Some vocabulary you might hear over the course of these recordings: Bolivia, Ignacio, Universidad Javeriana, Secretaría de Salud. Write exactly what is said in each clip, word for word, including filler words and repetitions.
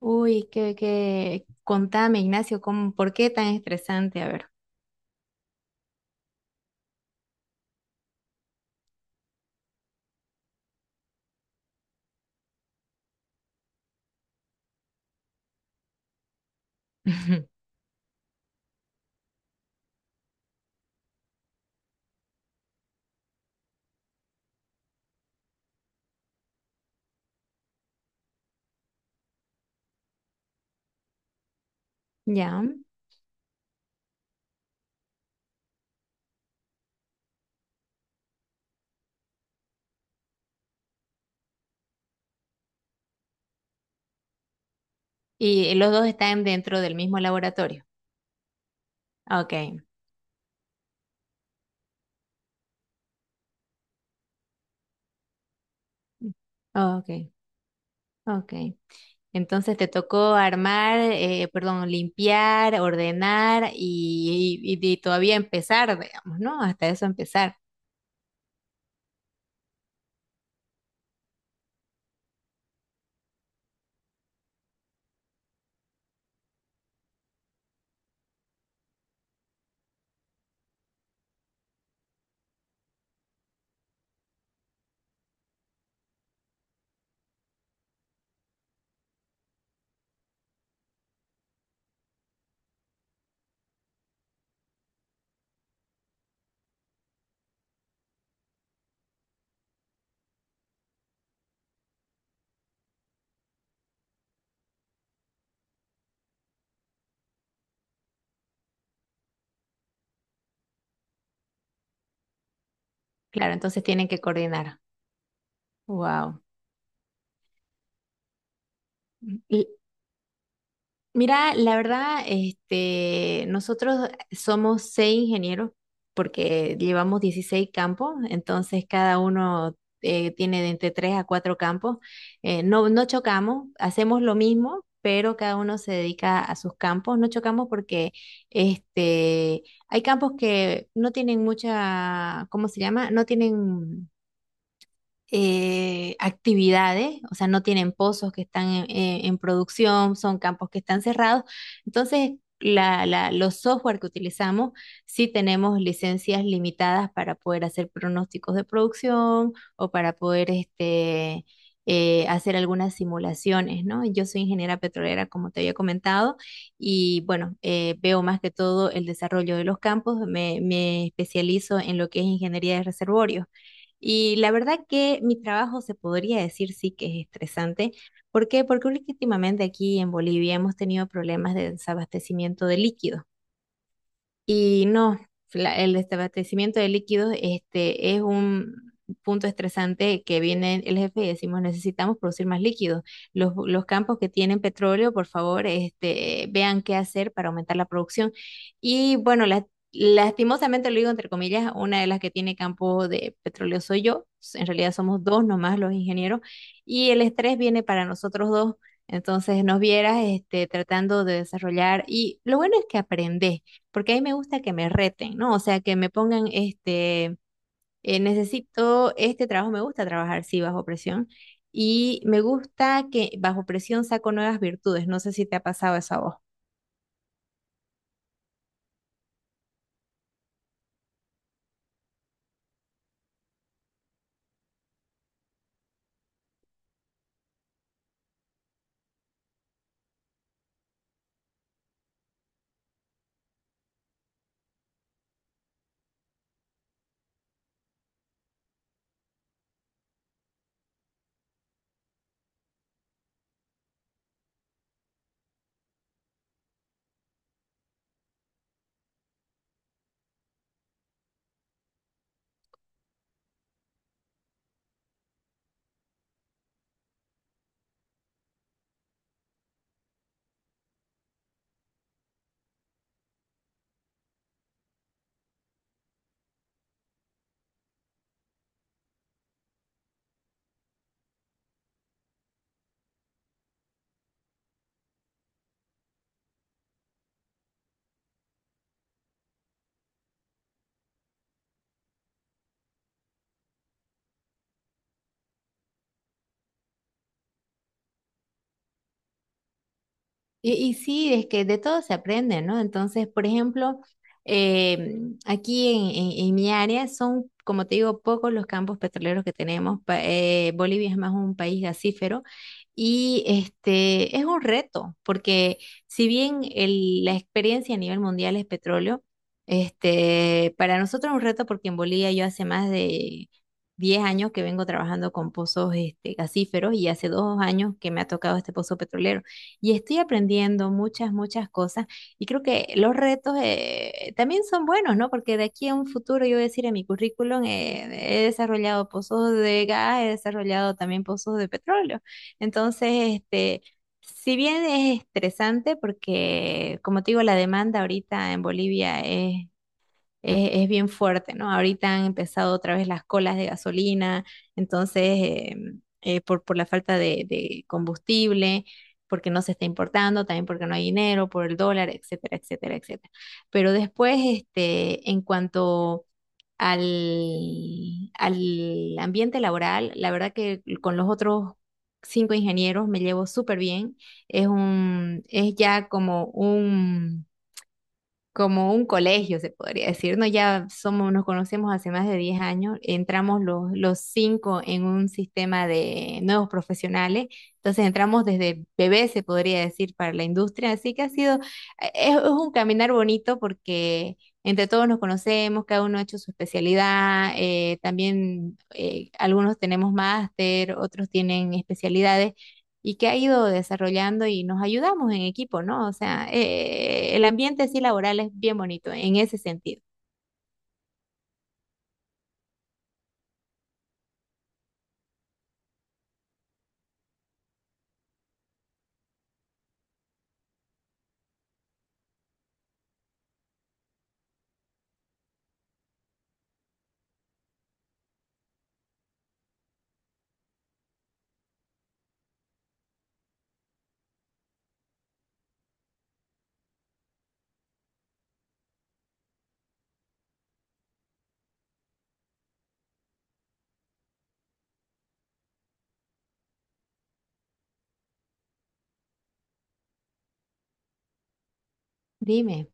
Uy, que, que, contame, Ignacio, ¿cómo, por qué tan estresante? A ver. Ya. ¿Y los dos están dentro del mismo laboratorio? Ah, ok. Ah, ok, ok. Entonces te tocó armar, eh, perdón, limpiar, ordenar y, y- y todavía empezar, digamos, ¿no? Hasta eso empezar. Claro, entonces tienen que coordinar. Wow. Mira, la verdad, este, nosotros somos seis ingenieros porque llevamos dieciséis campos, entonces cada uno eh, tiene de entre tres a cuatro campos. Eh, no, no chocamos, hacemos lo mismo, pero cada uno se dedica a sus campos. No chocamos porque este, hay campos que no tienen mucha, ¿cómo se llama? No tienen eh, actividades, o sea, no tienen pozos que están en, en- en producción, son campos que están cerrados. Entonces, la, la- los software que utilizamos, sí tenemos licencias limitadas para poder hacer pronósticos de producción o para poder este, eh, hacer algunas simulaciones, ¿no? Yo soy ingeniera petrolera, como te había comentado, y bueno, eh, veo más que todo el desarrollo de los campos, me, me especializo en lo que es ingeniería de reservorios. Y la verdad que mi trabajo se podría decir sí que es estresante. ¿Por qué? Porque últimamente aquí en Bolivia hemos tenido problemas de desabastecimiento de líquidos. Y no, la- el desabastecimiento de líquidos este, es un punto estresante que viene el jefe y decimos necesitamos producir más líquidos. Los, los campos que tienen petróleo, por favor, este, vean qué hacer para aumentar la producción. Y bueno, la- lastimosamente lo digo entre comillas, una de las que tiene campo de petróleo soy yo. En realidad somos dos nomás los ingenieros y el estrés viene para nosotros dos. Entonces nos vieras este, tratando de desarrollar, y lo bueno es que aprendes porque a mí me gusta que me reten, ¿no? O sea, que me pongan, este, eh, necesito este trabajo, me gusta trabajar, sí, bajo presión, y me gusta que bajo presión saco nuevas virtudes. No sé si te ha pasado eso a vos. Y, y sí, es que de todo se aprende, ¿no? Entonces, por ejemplo, em, aquí en, en- en mi área son, como te digo, pocos los campos petroleros que tenemos. Pa- eh, Bolivia es más un país gasífero y este es un reto, porque si bien el- la experiencia a nivel mundial es petróleo, este, para nosotros es un reto porque en Bolivia yo hace más de diez años que vengo trabajando con pozos este, gasíferos, y hace dos años que me ha tocado este pozo petrolero y estoy aprendiendo muchas, muchas cosas, y creo que los retos eh, también son buenos, ¿no? Porque de aquí a un futuro yo voy a decir en mi currículum, eh, he desarrollado pozos de gas, he desarrollado también pozos de petróleo. Entonces, este... Si bien es estresante porque, como te digo, la demanda ahorita en Bolivia es es, es bien fuerte, ¿no? Ahorita han empezado otra vez las colas de gasolina, entonces, eh, eh, por, por la falta de, de combustible, porque no se está importando, también porque no hay dinero, por el dólar, etcétera, etcétera, etcétera. Pero después, este, en cuanto al, al ambiente laboral, la verdad que con los otros cinco ingenieros me llevo súper bien. Es un, es ya como un como un colegio, se podría decir, ¿no? Ya somos, nos conocemos hace más de diez años, entramos los, los cinco en un sistema de nuevos profesionales, entonces entramos desde bebés, se podría decir, para la industria, así que ha sido, eh, es, es un caminar bonito porque entre todos nos conocemos, cada uno ha hecho su especialidad, eh, también eh, algunos tenemos máster, otros tienen especialidades y que ha ido desarrollando, y nos ayudamos en equipo, ¿no? O sea, eh, el ambiente sí laboral es bien bonito en ese sentido. Dime.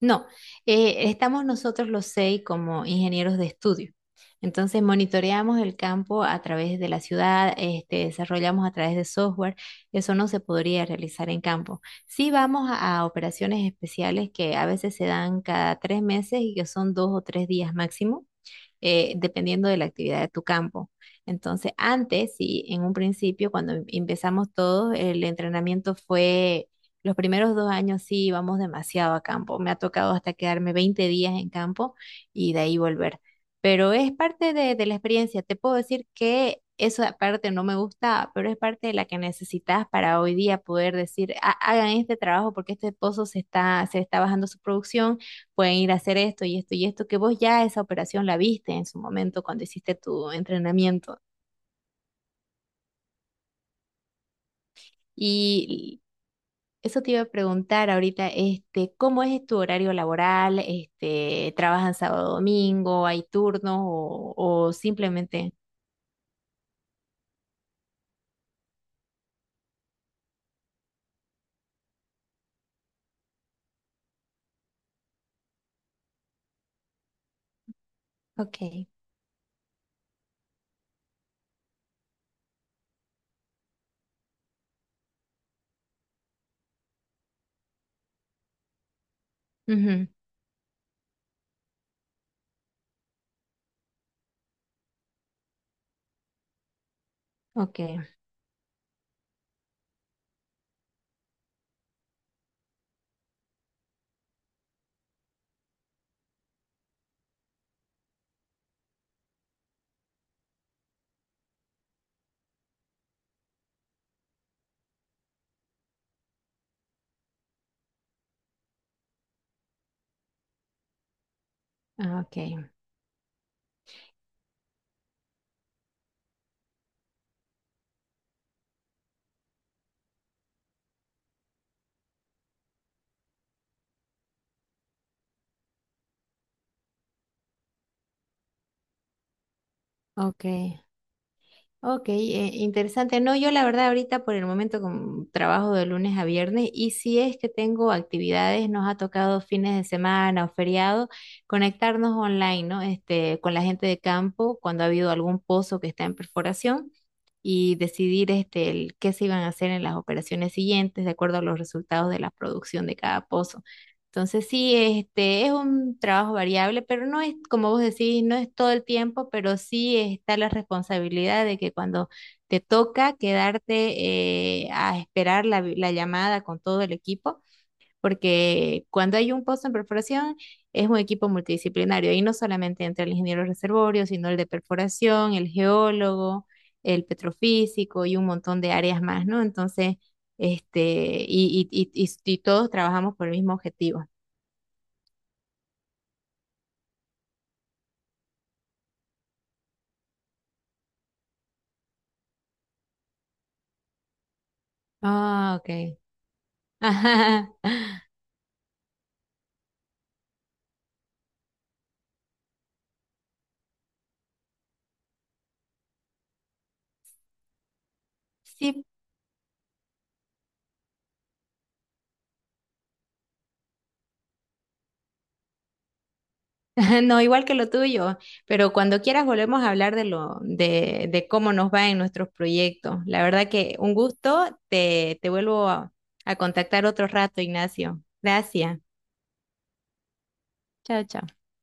No, eh, estamos nosotros los seis como ingenieros de estudio. Entonces monitoreamos el campo a través de la ciudad, este, desarrollamos a través de software. Eso no se podría realizar en campo. Sí vamos a, a operaciones especiales que a veces se dan cada tres meses y que son dos o tres días máximo, eh, dependiendo de la actividad de tu campo. Entonces, antes, sí, en un principio, cuando em- empezamos todos, el entrenamiento fue, los primeros dos años sí íbamos demasiado a campo. Me ha tocado hasta quedarme veinte días en campo y de ahí volver. Pero es parte de, de la experiencia. Te puedo decir que eso aparte no me gustaba, pero es parte de la que necesitas para hoy día poder decir, "Ha- hagan este trabajo porque este pozo se está, se está bajando su producción, pueden ir a hacer esto y esto y esto, que vos ya esa operación la viste en su momento cuando hiciste tu entrenamiento". Y eso te iba a preguntar ahorita, este, ¿cómo es tu horario laboral? Este, ¿trabajan sábado, domingo? ¿Hay turnos o, o simplemente? Ok. Ujú. Ok. Ah, ok. Ok. Ok, eh, interesante. No, yo la verdad ahorita por el momento como trabajo de lunes a viernes, y si es que tengo actividades, nos ha tocado fines de semana o feriado conectarnos online, ¿no? Este, con la gente de campo cuando ha habido algún pozo que está en perforación, y decidir este, el, qué se iban a hacer en las operaciones siguientes de acuerdo a los resultados de la producción de cada pozo. Entonces sí, este es un trabajo variable, pero no es, como vos decís, no es todo el tiempo, pero sí está la responsabilidad de que cuando te toca quedarte, eh, a esperar la, vi- la llamada con todo el equipo, porque cuando hay un puesto en perforación es un equipo multidisciplinario y no solamente entre el ingeniero reservorio, sino el de perforación, el geólogo, el petrofísico y un montón de áreas más, ¿no? Entonces, este, y, y y- y- y todos trabajamos por el mismo objetivo. Ah, ok. Ajá. Sí, no, igual que lo tuyo, pero cuando quieras volvemos a hablar de lo, de, de cómo nos va en nuestros proyectos. La verdad que un gusto, te, te vuelvo a, a contactar otro rato, Ignacio. Gracias. Chao, chao.